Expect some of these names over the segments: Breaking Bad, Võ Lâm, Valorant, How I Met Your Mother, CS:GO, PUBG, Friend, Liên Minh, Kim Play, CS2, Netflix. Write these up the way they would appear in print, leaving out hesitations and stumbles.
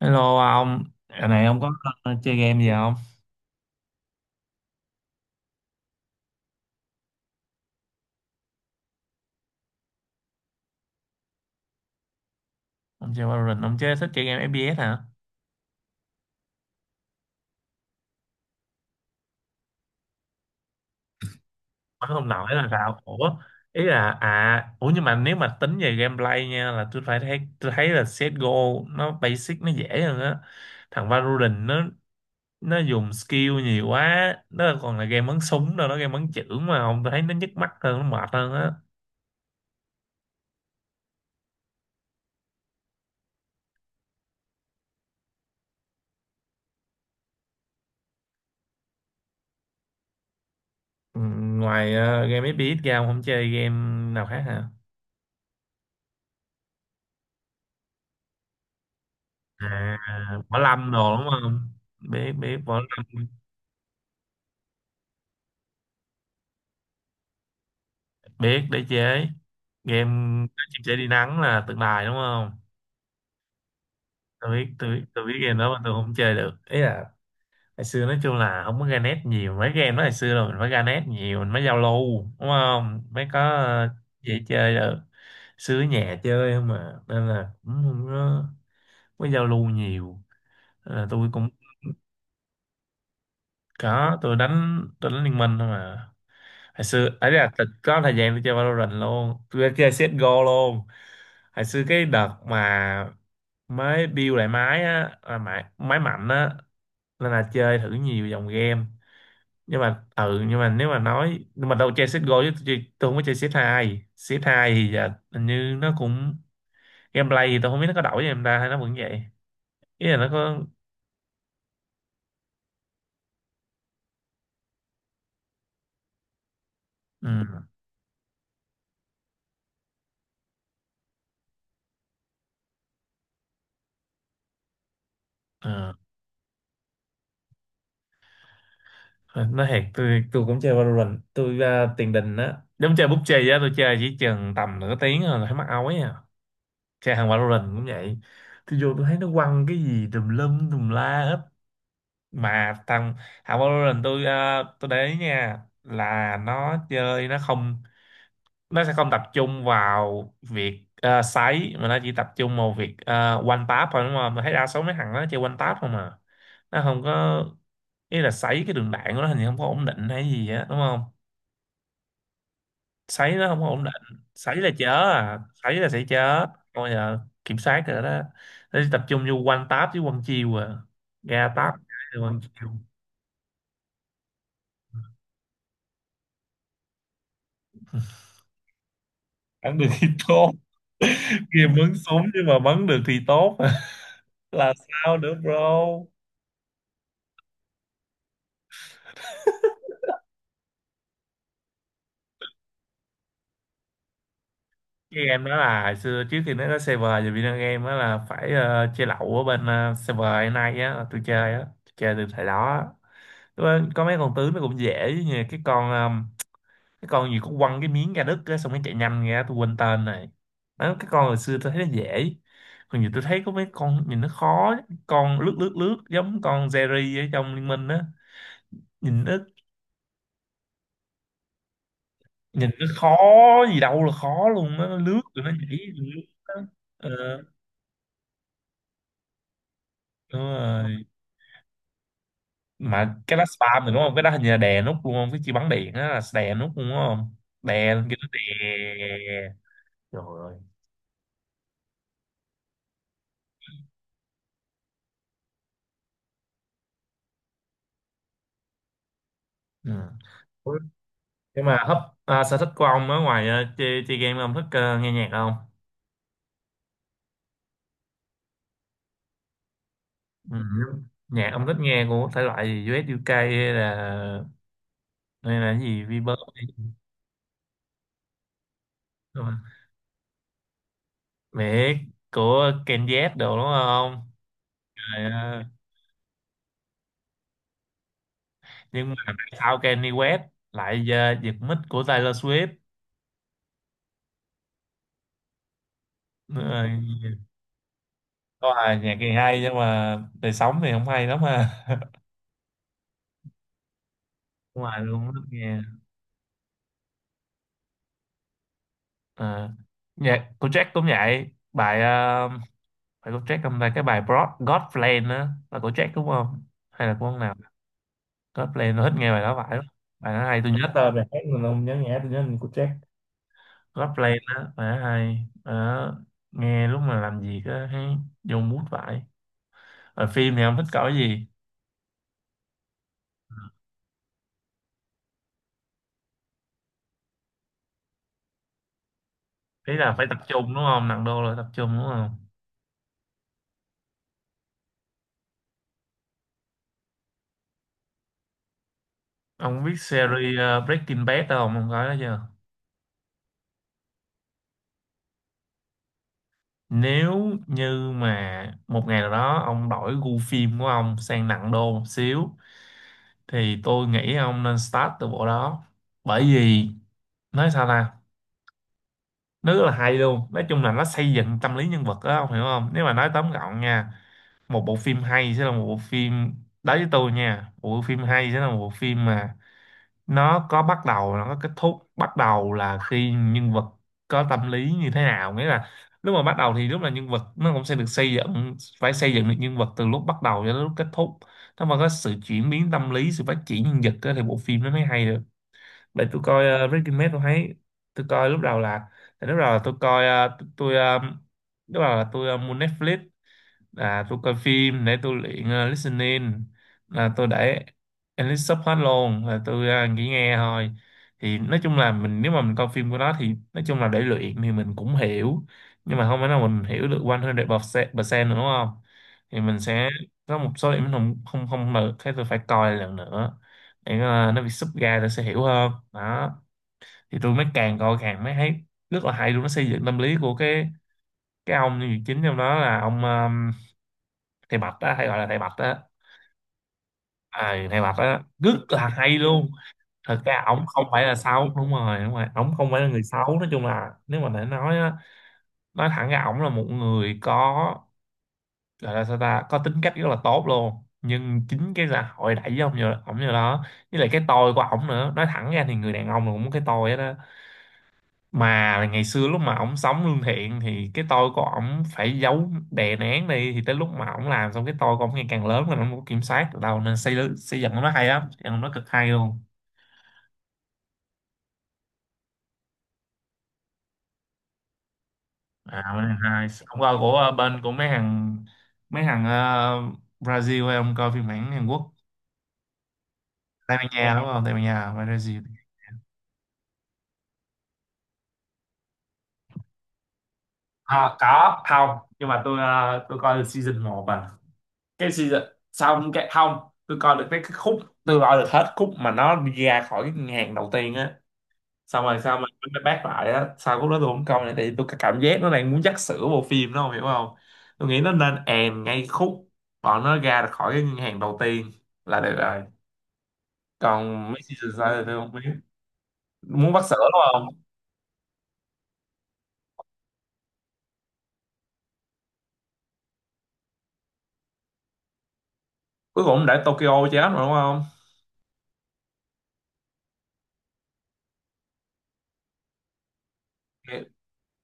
Hello ông, giờ này ông có chơi game gì không? Ông chơi Valorant, ông chơi thích chơi game FPS hả? Nói không nổi là sao? Ủa, ý là à, ủa nhưng mà nếu mà tính về gameplay nha, là tôi thấy là CS:GO nó basic, nó dễ hơn á. Thằng Valorant nó dùng skill nhiều quá, nó còn là game bắn súng đâu, nó game bắn chưởng mà. Ông, tôi thấy nó nhức mắt hơn, nó mệt hơn á. Ừ, ngoài game FPS ra ông không chơi game nào khác hả? À, Võ Lâm đồ đúng không? Biết biết Võ Lâm, biết đế chế. Game các chim sẻ đi nắng là tượng đài đúng không? Tôi biết, tôi biết, tôi biết game đó, mà tôi không chơi được. Ý là hồi xưa nói chung là không có ra net nhiều, mấy game đó hồi xưa là mình phải ra net nhiều mình mới giao lưu đúng không, mới có dễ chơi được. Xứ nhà chơi không mà, nên là cũng không có, giao lưu nhiều, nên là tôi cũng có. Tôi đánh liên minh thôi mà. Hồi xưa ấy là thật, có thời gian tôi chơi Valorant luôn, tôi chơi CSGO luôn. Hồi xưa cái đợt mà máy build lại máy á, là máy máy mạnh á, nên là chơi thử nhiều dòng game. Nhưng mà ừ, nhưng mà nếu mà nói, nhưng mà đâu chơi CSGO chứ, tôi không có chơi CS2 thì giờ hình như nó cũng gameplay thì tôi không biết nó có đổi cho em ta hay nó vẫn vậy. Ý là nó có. ừ, ờ, nó thiệt, tôi cũng chơi Valorant. Tôi tiền đình á, giống chơi PUBG á, tôi chơi chỉ chừng tầm nửa tiếng rồi là thấy mắc ói à. Chơi hàng Valorant cũng vậy, tôi vô tôi thấy nó quăng cái gì tùm lum tùm la hết. Mà thằng thằng Valorant, tôi tôi để ý nha, là nó chơi nó sẽ không tập trung vào việc sấy, mà nó chỉ tập trung vào việc one tap thôi, đúng không? Mà thấy đa số mấy thằng nó chơi one tap không mà, nó không có, ý là sấy cái đường đạn của nó hình như không có ổn định hay gì á đúng không? Sấy nó không có ổn định, sấy là chớ à, sấy là sẽ chớ, bây giờ kiểm soát rồi đó. Nó chỉ tập trung vô one tap với one chiêu à, ra tap rồi one chiêu, ăn được thì thôi. Kia bắn súng nhưng mà bắn được thì tốt. Là sao nữa bro? Cái game đó là hồi xưa, trước khi nó có server về video game đó là phải chơi lậu ở bên server hiện nay á, là tôi chơi á, tôi chơi từ thời đó á. Lúc đó có mấy con tướng nó cũng dễ, như cái con gì cũng quăng cái miếng ra đất á, xong nó chạy nhanh ra, tôi quên tên. Này đó, cái con hồi xưa tôi thấy nó dễ, còn giờ tôi thấy có mấy con nhìn nó khó. Con lướt lướt lướt giống con Jerry ở trong Liên Minh á, nhìn nó, nhìn nó khó gì đâu là khó luôn á, nó lướt rồi nó nhảy rồi lướt á. Ờ, đúng rồi. Mà cái đó spam thì đúng không, cái đó hình như là đè nút luôn không, cái chi bắn điện á là đè nút luôn đúng không, đè lên kia nó đè. Trời ơi. Ừ. Ủa, nhưng mà hấp, à, sở thích của ông ở ngoài chơi game, ông thích nghe nhạc không? Ừ. Nhạc ông thích nghe của thể loại gì, US UK hay là cái gì Vbird hay- Đúng rồi. Biết của Ken Z đồ đúng không? Trời ơi. Nhưng mà tại sao Kanye West lại giật mic của Taylor Swift. Nữa rồi. Có, là nhạc thì hay nhưng mà đời sống thì không hay lắm ha. Đúng rồi luôn á, nghe. Ờ. Nhạc của Jack cũng vậy, bài phải của Jack hôm nay cái bài Broad God Plan á là của Jack đúng không, hay là của ông nào? God Plan, tôi thích nghe bài đó phải lắm, bài đó hay. Tôi nhớ tên bài hát nhưng mà tôi không nhớ nhạc, tôi nhớ là của Jack. God Plan á, bài đó hay. Bài đó nghe lúc mà làm việc á thấy vô mood vậy. Ở phim thì không thích coi cái gì? Ý là phải tập trung đúng không, nặng đô là tập trung đúng không? Ông biết series Breaking Bad không, ông coi đó chưa? Nếu như mà một ngày nào đó ông đổi gu phim của ông sang nặng đô một xíu, thì tôi nghĩ ông nên start từ bộ đó. Bởi vì nói sao ta, nó rất là hay luôn, nói chung là nó xây dựng tâm lý nhân vật đó, ông hiểu không? Nếu mà nói tóm gọn nha, một bộ phim hay sẽ là một bộ phim, đối với tôi nha, một bộ phim hay sẽ là một bộ phim mà nó có bắt đầu, nó có kết thúc. Bắt đầu là khi nhân vật có tâm lý như thế nào, nghĩa là lúc mà bắt đầu thì lúc là nhân vật nó cũng sẽ được xây dựng, phải xây dựng được nhân vật từ lúc bắt đầu cho đến lúc kết thúc. Nếu mà có sự chuyển biến tâm lý, sự phát triển nhân vật á, thì bộ phim nó mới hay được. Để tôi coi Breaking Bad tôi thấy, tôi coi lúc đầu là, tại lúc đầu là tôi coi lúc đầu là tôi mua Netflix. À tôi coi phim để tôi luyện listening, là tôi để English sub hết luôn, là tôi chỉ nghe thôi. Thì nói chung là mình, nếu mà mình coi phim của nó thì nói chung là để luyện thì mình cũng hiểu, nhưng mà không phải nào mình hiểu được 100% nữa đúng không, thì mình sẽ có một số điểm mình không không không được, thế tôi phải coi lần nữa để nó bị sub ra tôi sẽ hiểu hơn đó. Thì tôi mới càng coi càng mới thấy rất là hay luôn, nó xây dựng tâm lý của cái ông nhân vật chính trong đó là ông thầy Bạch á, hay gọi là thầy Bạch á. À, thầy Bạch á rất là hay luôn. Thật ra ổng không phải là xấu, đúng rồi, đúng rồi, ổng không phải là người xấu. Nói chung là nếu mà để nói á, nói thẳng ra ổng là một người có, gọi là sao ta, có tính cách rất là tốt luôn. Nhưng chính cái xã hội đẩy với ổng như đó, với lại cái tôi của ổng nữa. Nói thẳng ra thì người đàn ông là cũng có cái tôi đó, mà ngày xưa lúc mà ổng sống lương thiện thì cái tôi của ổng phải giấu đè nén đi, thì tới lúc mà ổng làm xong, cái tôi của ổng ngày càng lớn rồi ổng không có kiểm soát được đâu, nên xây xây dựng nó hay lắm, xây dựng nó cực hay luôn. À, bên này hay ông coi của bên của mấy thằng ờ, Brazil, hay ông coi phiên bản Hàn Quốc? Tây Ban Nha đúng không, Tây Ban Nha Brazil. À, có không, nhưng mà tôi tôi coi được season một à, cái season, xong cái không, tôi coi được cái khúc, tôi coi được hết khúc mà nó đi ra khỏi cái ngàn đầu tiên á, xong rồi sao mà mới bác lại á, sau lúc đó tôi không coi nữa thì tôi cảm giác nó đang muốn dắt sữa bộ phim đó, không hiểu không? Tôi nghĩ nó nên èm ngay khúc bọn nó ra được khỏi cái ngân hàng đầu tiên là được rồi. Còn mấy season sau thì tôi không biết, muốn bắt sữa đúng không? Cuối cùng để Tokyo chết mà đúng không.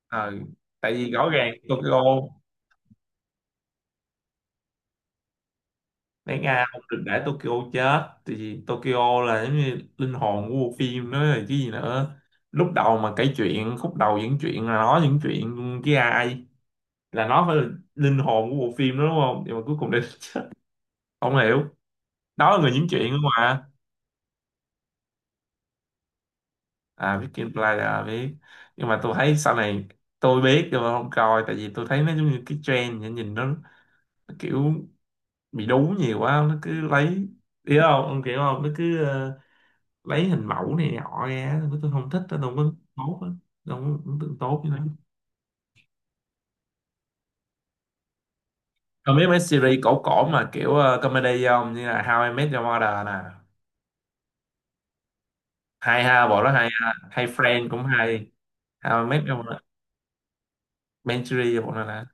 Ờ, tại vì rõ ràng Tokyo đáng Nga không được để Tokyo chết, tại vì Tokyo là giống như linh hồn của bộ phim đó rồi chứ gì nữa. Lúc đầu mà kể chuyện khúc đầu những chuyện là nói những chuyện với ai, là nó phải là linh hồn của bộ phim đó đúng không? Nhưng mà cuối cùng đây. Không hiểu. Đó là người diễn chuyện đúng không ạ? À biết, Kim Play là biết, nhưng mà tôi thấy sau này, tôi biết nhưng mà không coi, tại vì tôi thấy nó giống như cái trend, nhìn nhìn nó kiểu bị đú nhiều quá, nó cứ lấy, hiểu không ông kiểu, không nó cứ lấy hình mẫu này nọ ra. Tôi không thích, tôi không có tốt á, tôi không có ấn tượng tốt như thế. Còn biết mấy series cổ cổ mà kiểu comedy không, như là How I Met Your Mother nè, hay ha, bộ đó hay ha, hay Friend cũng hay. How I Met Your Mother, Manchery, hoặc là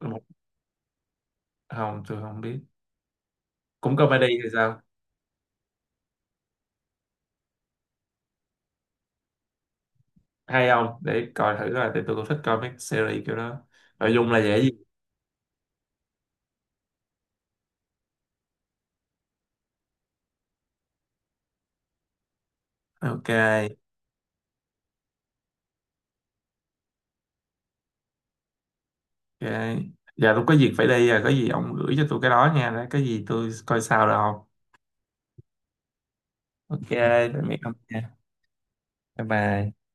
một, không tôi không biết, cũng comedy thì sao, hay không để coi thử coi, thì tôi cũng thích coi mấy series kiểu đó, nội dung là dễ gì. Ok. Ok, giờ tôi có việc phải đi rồi, có gì ông gửi cho tôi cái đó nha, cái gì tôi coi sao, được không? Ok. Tạm biệt ông nha. Bye bye.